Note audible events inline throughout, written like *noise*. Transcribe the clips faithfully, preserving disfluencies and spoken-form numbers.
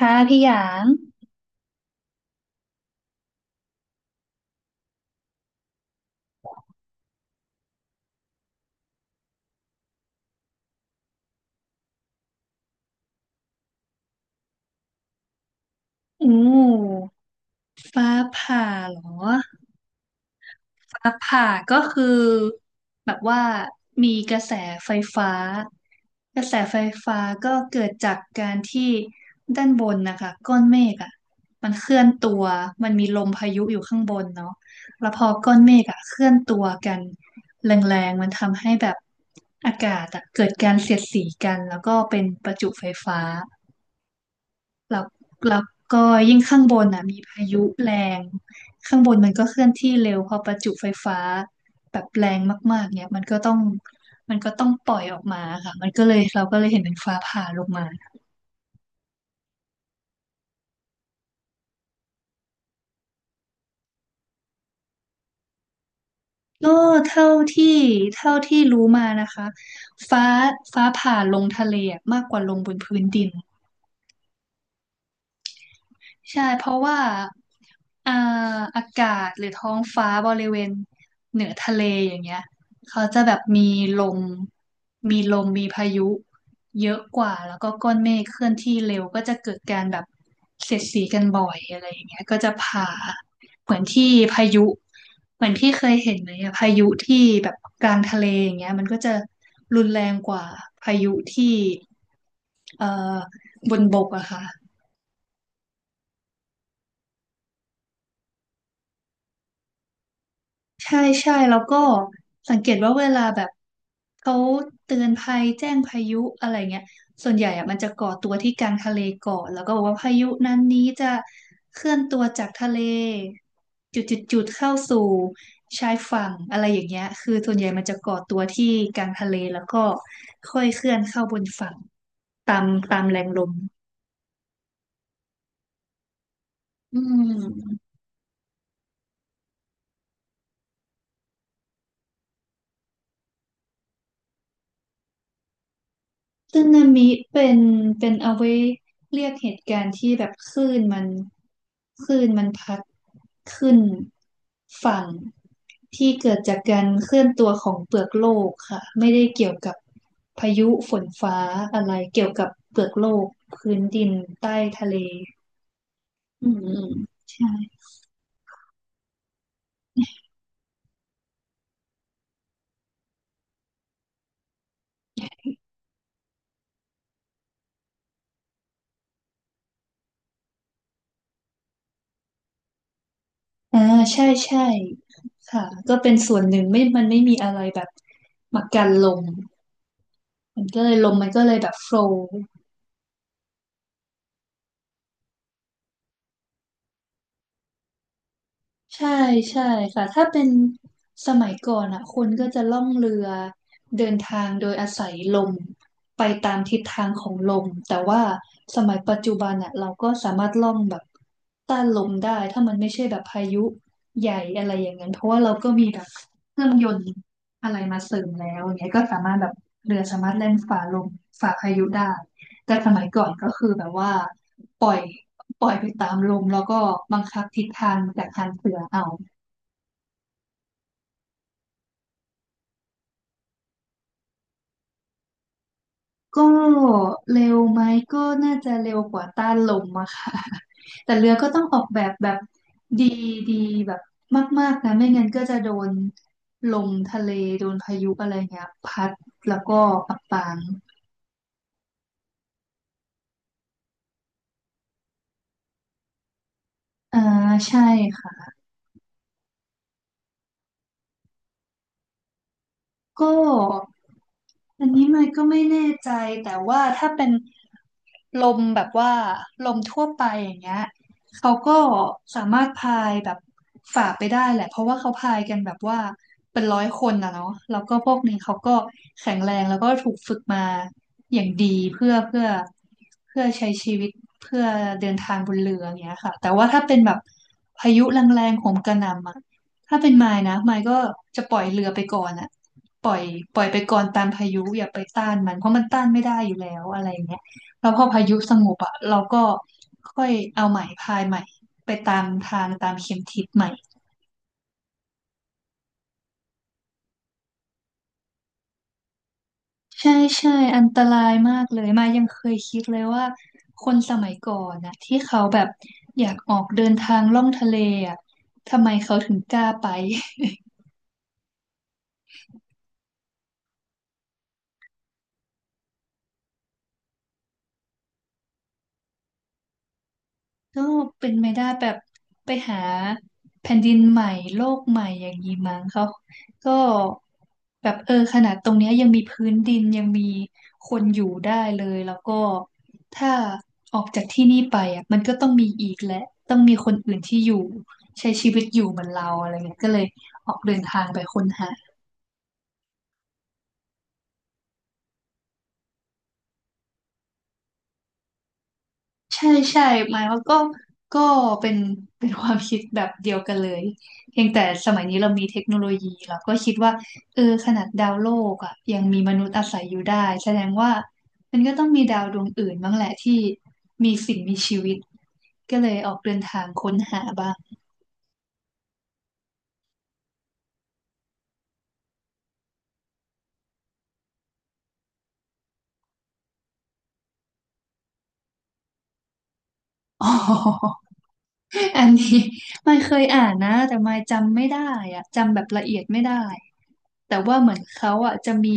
ค่ะพี่หยางอูมฟ้าผ่าเหรอฟ้าผ่าก็คือแบบว่ามีกระแสไฟฟ้ากระแสไฟฟ้าก็เกิดจากการที่ด้านบนนะคะก้อนเมฆอ่ะมันเคลื่อนตัวมันมีลมพายุอยู่ข้างบนเนาะแล้วพอก้อนเมฆอ่ะเคลื่อนตัวกันแรงๆมันทำให้แบบอากาศอะเกิดการเสียดสีกันแล้วก็เป็นประจุไฟฟ้า แล้วแล้วก็ยิ่งข้างบนอ่ะมีพายุแรงข้างบนมันก็เคลื่อนที่เร็วพอประจุไฟฟ้าแบบแรงมากๆเนี่ยมันก็ต้องมันก็ต้องปล่อยออกมาค่ะมันก็เลยเราก็เลยเห็นเป็นฟ้าผ่าลงมาก็เท่าที่เท่าที่รู้มานะคะฟ้าฟ้าผ่าลงทะเลอะมากกว่าลงบนพื้นดิน ใช่เพราะว่าอ่าอากาศหรือท้องฟ้าบริเวณเหนือทะเลอย่างเงี้ยเขาจะแบบมีลมมีลมมีพายุเยอะกว่าแล้วก็ก้อนเมฆเคลื่อนที่เร็วก็จะเกิดการแบบเสียดสีกันบ่อยอะไรอย่างเงี้ยก็จะผ่าเหมือนที่พายุเหมือนพี่เคยเห็นไหมอะพายุที่แบบกลางทะเลอย่างเงี้ยมันก็จะรุนแรงกว่าพายุที่เอ่อบนบกอะค่ะ ใช่ใช่แล้วก็สังเกตว่าเวลาแบบเขาเตือนภัยแจ้งพายุอะไรเงี้ยส่วนใหญ่อะมันจะก่อตัวที่กลางทะเลก่อนแล้วก็บอกว่าพายุนั้นนี้จะเคลื่อนตัวจากทะเลจุดจุดจุดเข้าสู่ชายฝั่งอะไรอย่างเงี้ยคือส่วนใหญ่มันจะก่อตัวที่กลางทะเลแล้วก็ค่อยเคลื่อนเข้าบนฝั่งตามตามแรงลมอืม สึนามิเป็นเป็นเอาไว้เรียกเหตุการณ์ที่แบบคลื่นมันคลื่นมันพัดขึ้นฝั่งที่เกิดจากการเคลื่อนตัวของเปลือกโลกค่ะไม่ได้เกี่ยวกับพายุฝนฟ้าอะไรเกี่ยวกับเปลือกโลกพื้นดินใต้ทะเลอืมอืมใช่อ่าใช่ใช่ค่ะก็เป็นส่วนหนึ่งไม่มันไม่มีอะไรแบบมากันลมมันก็เลยลมมันก็เลยแบบโฟล ใช่ใช่ค่ะถ้าเป็นสมัยก่อนอ่ะคนก็จะล่องเรือเดินทางโดยอาศัยลมไปตามทิศทางของลมแต่ว่าสมัยปัจจุบันอ่ะเราก็สามารถล่องแบบต้านลมได้ถ้ามันไม่ใช่แบบพายุใหญ่อะไรอย่างนั้นเพราะว่าเราก็มีแบบเครื่องยนต์อะไรมาเสริมแล้วอย่างเงี้ยก็สามารถแบบเรือสามารถแล่นฝ่าลมฝ่าพายุได้ แต่สมัยก่อนก็คือแบบว่าปล่อยปล่อยไปตามลมแล้วก็บังคับทิศทางจากทางเสือเอา ก็เร็วไหมก็น่าจะเร็วกว่าต้านลมอะค่ะ *laughs* แต่เรือก็ต้องออกแบบแบบดีดีแบบมากๆนะไม่งั้นก็จะโดนลมทะเลโดนพายุอะไรเงี้ยพัดแล้วก็อับปางอ่าใช่ค่ะ ก็อันนี้มันก็ไม่แน่ใจแต่ว่าถ้าเป็นลมแบบว่าลมทั่วไปอย่างเงี้ยเขาก็สามารถพายแบบฝ่าไปได้แหละเพราะว่าเขาพายกันแบบว่าเป็นร้อยคนนะเนาะแล้วก็พวกนี้เขาก็แข็งแรงแล้วก็ถูกฝึกมาอย่างดีเพื่อเพื่อเพื่อใช้ชีวิตเพื่อเดินทางบนเรืออย่างเงี้ยค่ะแต่ว่าถ้าเป็นแบบพายุแรงๆโหมกระหน่ำอะ ถ้าเป็นมายนะมายก็จะปล่อยเรือไปก่อนอะปล่อยปล่อยไปก่อนตามพายุอย่าไปต้านมันเพราะมันต้านไม่ได้อยู่แล้วอะไรอย่างเงี้ยแล้วพอพายุสงบอะเราก็ค่อยเอาใหม่พายใหม่ไปตามทางตามเข็มทิศใหม่ใช่ใช่อันตรายมากเลยมายยังเคยคิดเลยว่าคนสมัยก่อนนะที่เขาแบบอยากออกเดินทางล่องทะเลอะทำไมเขาถึงกล้าไป *laughs* ก็เป็นไม่ได้แบบไปหาแผ่นดินใหม่โลกใหม่อย่างนี้มั้งเขาก็แบบเออขนาดตรงเนี้ยยังมีพื้นดินยังมีคนอยู่ได้เลยแล้วก็ถ้าออกจากที่นี่ไปอ่ะมันก็ต้องมีอีกและต้องมีคนอื่นที่อยู่ใช้ชีวิตอยู่เหมือนเราอะไรเงี้ยก็เลยออกเดินทางไปค้นหา ใช่ใช่หมายว่าก็ก็เป็นเป็นความคิดแบบเดียวกันเลยเพียงแต่สมัยนี้เรามีเทคโนโลยีเราก็คิดว่าเออขนาดดาวโลกอ่ะยังมีมนุษย์อาศัยอยู่ได้แสดงว่ามันก็ต้องมีดาวดวงอื่นบ้างแหละที่มีสิ่งมีชีวิตก็เลยออกเดินทางค้นหาบ้าง *laughs* อ๋อ อันนี้ *laughs* ไม่เคยอ่านนะแต่ไม่จำไม่ได้อะจำแบบละเอียดไม่ได้แต่ว่าเหมือนเขาอ่ะจะมี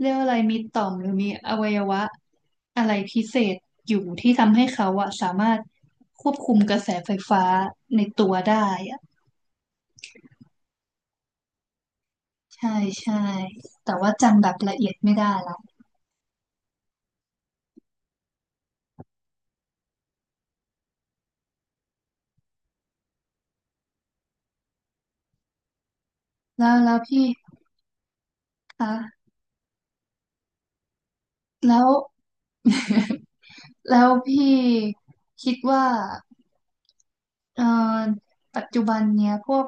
เรียกว่าอะไรมีต่อมหรือมีอวัยวะอะไรพิเศษอยู่ที่ทำให้เขาอ่ะสามารถควบคุมกระแสไฟฟ้าในตัวได้อะใช่ใช่แต่ว่าจำแบบละเอียดไม่ได้ละแล้วแล้วพี่คะแล้ว *laughs* แล้วพี่คิดว่า เอ่อปัจจุบันเนี่ยพวก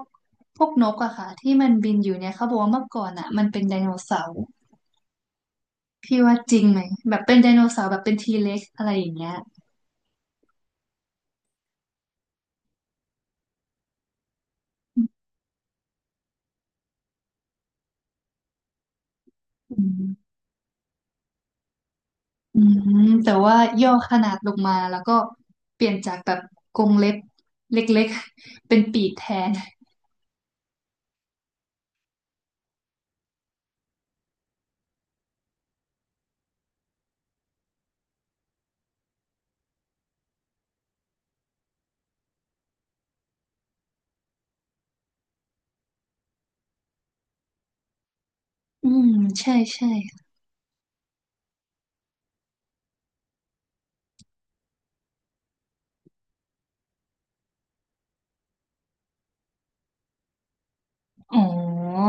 พวกนกอะค่ะที่มันบินอยู่เนี่ยเขาบอกว่าเมื่อก่อนอะมันเป็นไดโนเสาร์พี่ว่าจริงไหมแบบเป็นไดโนเสาร์แบบเป็นทีเล็กอะไรอย่างเงี้ยอืมอืมแต่ว่าย่อขนาดลงมาแล้วก็เปลี่ยนจากแบบกรงเล็บเล็กๆเป็นปีกแทนอืมใช่ใช่อ๋อ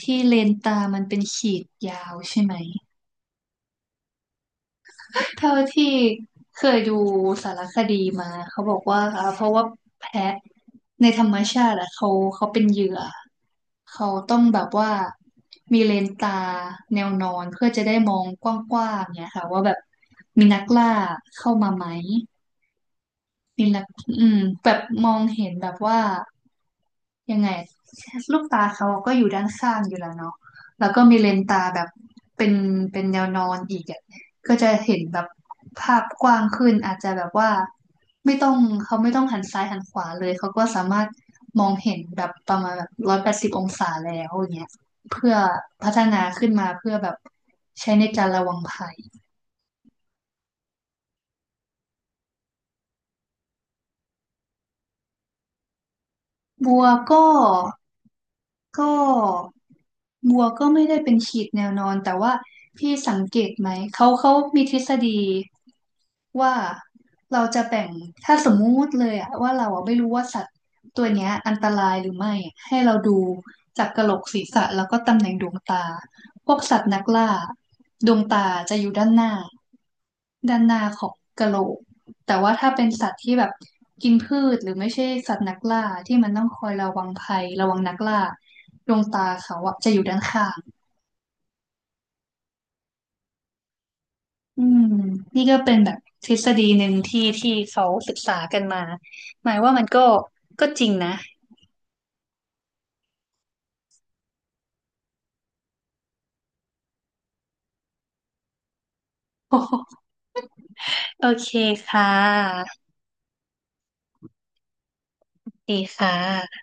ที่เลนตามันเป็นขีดยาวใช่ไหม เท่าที่เคยดูสารคดีมาเขาบอกว่าอ่าเพราะว่าแพะในธรรมชาติอะเขาเขาเป็นเหยื่อเขาต้องแบบว่ามีเลนส์ตาแนวนอนเพื่อจะได้มองกว้างๆเนี่ยค่ะว่าแบบมีนักล่าเข้ามาไหม นี่แหละอืมแบบมองเห็นแบบว่ายังไงลูกตาเขาก็อยู่ด้านข้างอยู่แล้วเนาะแล้วก็มีเลนส์ตาแบบเป็นเป็นแนวนอนอีกอ่ะก็จะเห็นแบบภาพกว้างขึ้น อาจจะแบบว่าไม่ต้องเขาไม่ต้องหันซ้ายหันขวาเลย เขาก็สามารถมองเห็นแบบประมาณแบบร้อยแปดสิบองศาแล้วอย่างเงี้ยเพื่อพัฒนาขึ้นมาเพื่อแบบใช้ในการระวังภัย บัวก็ ก็บัวก็ไม่ได้เป็นขีดแนวนอนแต่ว่าพี่สังเกตไหมเขาเขามีทฤษฎีว่าเราจะแบ่งถ้าสมมุติเลยอะว่าเราอะไม่รู้ว่าสัตว์ตัวเนี้ยอันตรายหรือไม่อะให้เราดูจากกะโหลกศีรษะแล้วก็ตำแหน่งดวงตา พวกสัตว์นักล่าดวงตาจะอยู่ด้านหน้าด้านหน้าของกะโหลกแต่ว่าถ้าเป็นสัตว์ที่แบบกินพืชหรือไม่ใช่สัตว์นักล่าที่มันต้องคอยระวังภัยระวังนักล่าดวงตาเขาอะจะอยู่ด้านข้างอืมนี่ก็เป็นแบบทฤษฎีหนึ่งที่ที่เขาศึกษากันมาหมายว่ามันก็ก็จริงนะ *laughs* โอเคค่ะดีค่ะ